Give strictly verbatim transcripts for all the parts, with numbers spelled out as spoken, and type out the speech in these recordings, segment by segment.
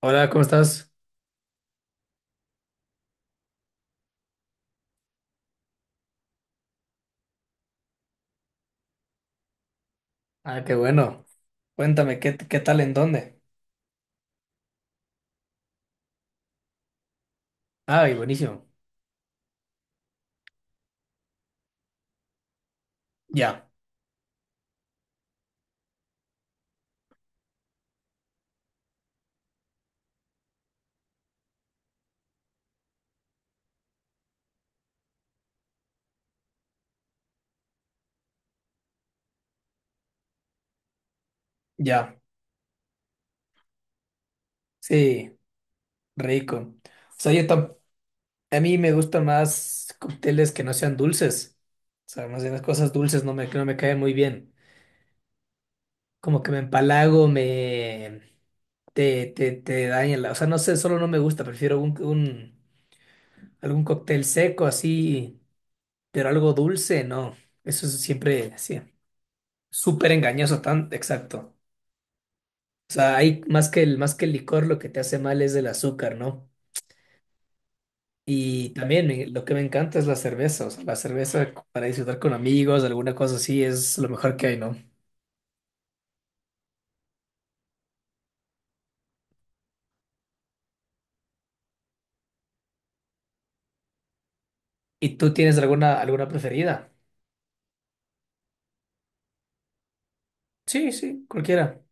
Hola, ¿cómo estás? Ah, qué bueno. Cuéntame, ¿qué, qué tal en dónde? Ay, buenísimo. Ya, ya. Sí, rico. O sea, yo tam- a mí me gustan más cócteles que no sean dulces. O sea, más bien las cosas dulces no me, no me caen muy bien. Como que me empalago, me... Te, te, te daña la... O sea, no sé, solo no me gusta. Prefiero un, un- algún cóctel seco así, pero algo dulce, no. Eso es siempre, sí, súper engañoso, tan exacto. O sea, hay más que el, más que el licor, lo que te hace mal es el azúcar, ¿no? Y también me- lo que me encanta es la cerveza, o sea, la cerveza para disfrutar con amigos, alguna cosa así, es lo mejor que hay, ¿no? ¿Y tú tienes alguna, alguna preferida? Sí, sí, cualquiera.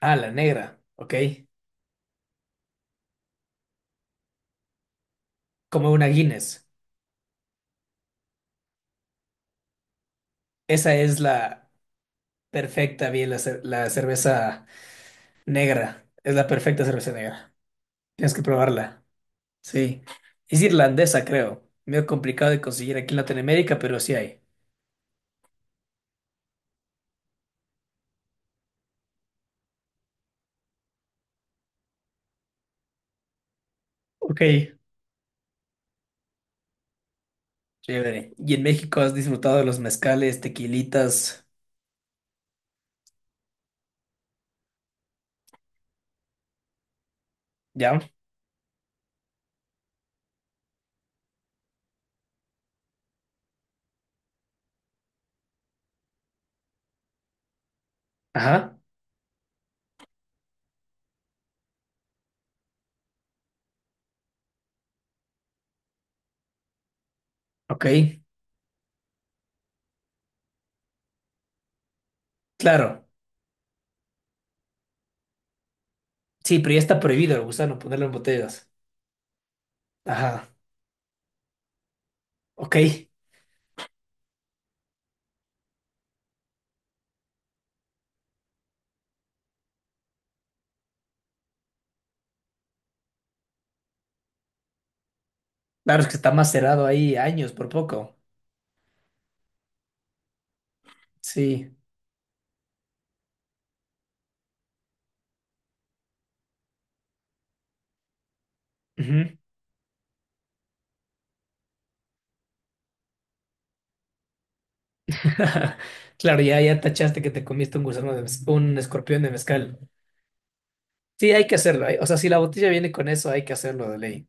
Ah, la negra, ok. Como una Guinness. Esa es la perfecta, bien, la, cer- la cerveza negra. Es la perfecta cerveza negra. Tienes que probarla. Sí. Es irlandesa, creo. Medio complicado de conseguir aquí en Latinoamérica, pero sí hay. Ok. Chévere. ¿Y en México has disfrutado de los mezcales, tequilitas? ¿Ya? Ajá. Ok. Claro. Sí, pero ya está prohibido el gusano ponerlo en botellas. Ajá. Ok. Claro, es que está macerado ahí años por poco. Sí. Ujú. Claro, ya, ya tachaste que te comiste un gusano de mez- un escorpión de mezcal. Sí, hay que hacerlo. hay- O sea, si la botella viene con eso, hay que hacerlo de ley.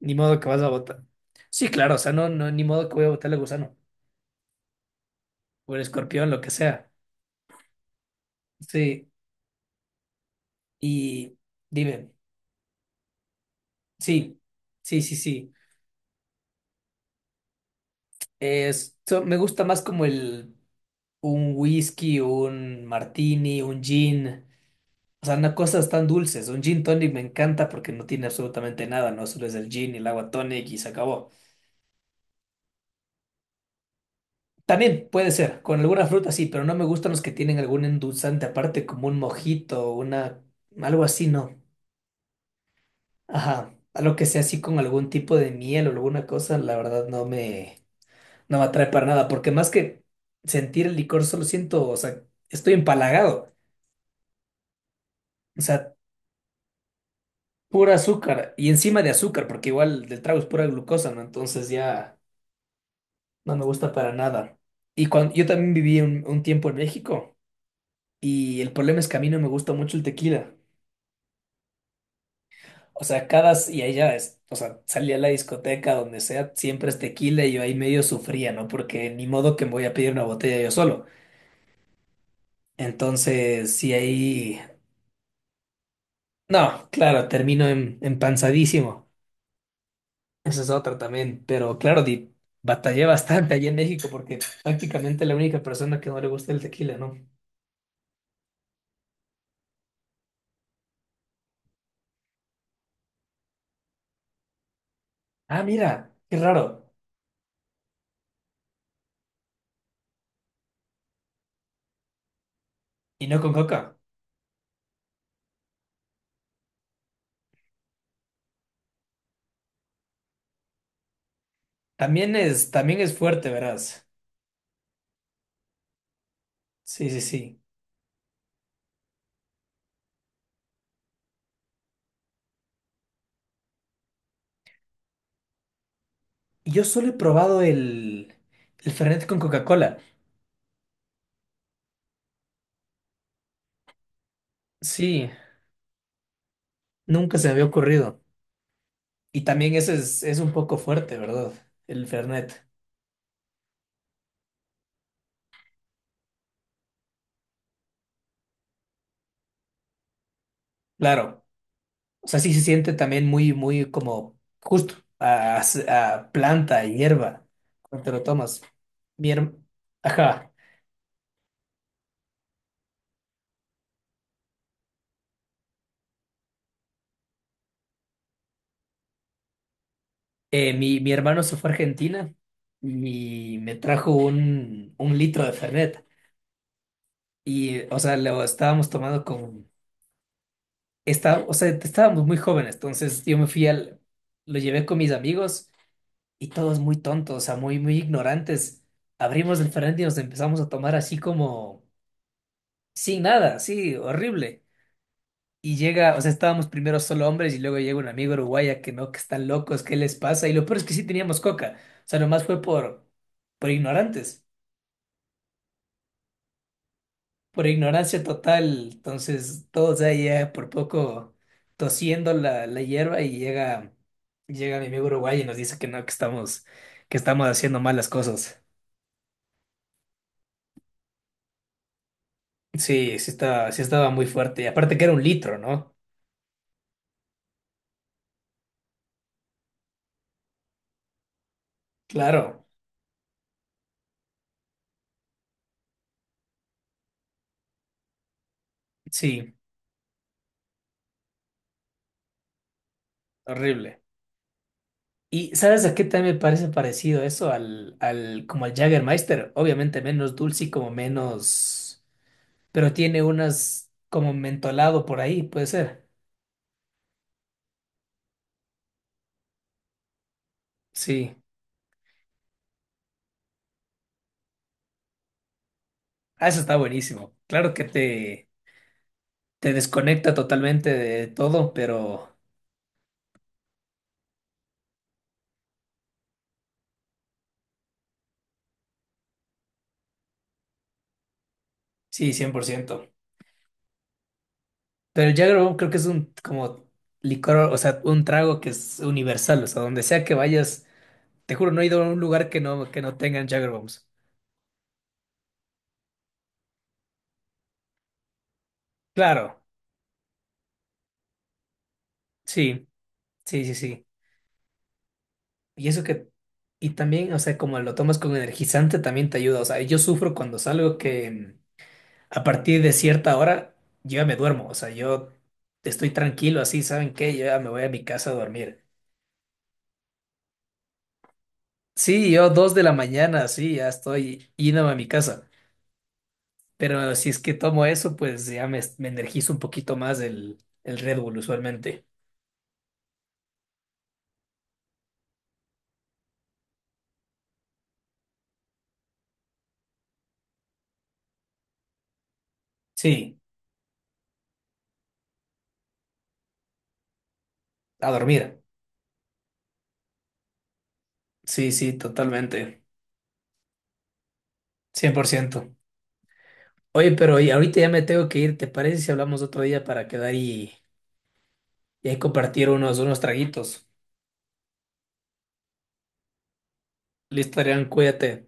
Ni modo que vas a botar. Sí, claro, o sea, no, no, ni modo que voy a botarle gusano. O el escorpión, lo que sea. Sí. Y dime, sí, sí, sí, sí. Es, so- me gusta más como el un whisky, un martini, un gin. O sea, no cosas tan dulces. Un gin tonic me encanta porque no tiene absolutamente nada, ¿no? Solo es el gin y el agua tonic y se acabó. También puede ser, con alguna fruta sí, pero no me gustan los que tienen algún endulzante aparte, como un mojito, una, algo así, no. Ajá. Algo que sea así con algún tipo de miel o alguna cosa, la verdad no me, no me atrae para nada, porque más que sentir el licor, solo siento, o sea, estoy empalagado. O sea, pura azúcar y encima de azúcar, porque igual del trago es pura glucosa, ¿no? Entonces ya no me gusta para nada. Y cuando yo también viví un, un tiempo en México y el problema es que a mí no me gusta mucho el tequila. O sea, cada, y allá es, o sea, salía a la discoteca, donde sea, siempre es tequila y yo ahí medio sufría, ¿no? Porque ni modo que me voy a pedir una botella yo solo. Entonces, sí, ahí. No, claro, termino em- empanzadísimo. Esa es otra también. Pero claro, di- batallé bastante allí en México porque prácticamente la única persona que no le gusta el tequila, ¿no? Ah, mira, qué raro. Y no con coca. También es, también es fuerte, verás. Sí, sí, sí. Y yo solo he probado el, el Fernet con Coca-Cola. Sí, nunca se me había ocurrido. Y también ese es, es un poco fuerte, ¿verdad? El Fernet. Claro. O sea, sí se siente también muy, muy como justo a, a- a planta, a hierba, cuando te lo tomas. Mi, her- Ajá. Eh, mi, mi hermano se fue a Argentina y me trajo un, un litro de Fernet. Y, o sea, lo estábamos tomando con... Está, o sea, estábamos muy jóvenes, entonces yo me fui al... Lo llevé con mis amigos y todos muy tontos, o sea, muy, muy ignorantes. Abrimos el Fernet y nos empezamos a tomar así como... Sin nada, sí, horrible. Y llega, o sea, estábamos primero solo hombres y luego llega un amigo uruguaya que no, que están locos, ¿qué les pasa? Y lo peor es que sí teníamos coca. O sea, nomás fue por, por ignorantes, por ignorancia total. Entonces, todos ahí eh, por poco tosiendo la, la hierba y llega, llega mi amigo uruguayo y nos dice que no, que estamos, que estamos haciendo malas cosas. Sí, sí estaba, sí estaba muy fuerte. Y aparte que era un litro, ¿no? Claro, sí, horrible. ¿Y sabes a qué también me parece parecido eso? Al, al, como al Jägermeister. Obviamente menos dulce y como menos. Pero tiene unas como mentolado por ahí, puede ser. Sí. Ah, eso está buenísimo. Claro que te, te desconecta totalmente de todo, pero sí, cien por ciento. Pero el Jäger Bomb creo que es un como licor, o sea, un trago que es universal. O sea, donde sea que vayas, te juro, no he ido a un lugar que no, que no tengan Jägerbombs. Claro, sí, sí, sí, sí. Y eso que, y también, o sea, como lo tomas con energizante, también te ayuda. O sea, yo sufro cuando salgo que mm, a partir de cierta hora yo ya me duermo. O sea, yo estoy tranquilo así, ¿saben qué? Yo ya me voy a mi casa a dormir. Sí, yo dos de la mañana, sí, ya estoy yéndome a mi casa. Pero si es que tomo eso, pues ya me, me energizo un poquito más el, el Red Bull usualmente. Sí, a dormir. Sí, sí, totalmente. Cien por ciento. Oye, pero y ahorita ya me tengo que ir. ¿Te parece si hablamos otro día para quedar y, y ahí compartir unos, unos traguitos? Listo, Adrián, cuídate.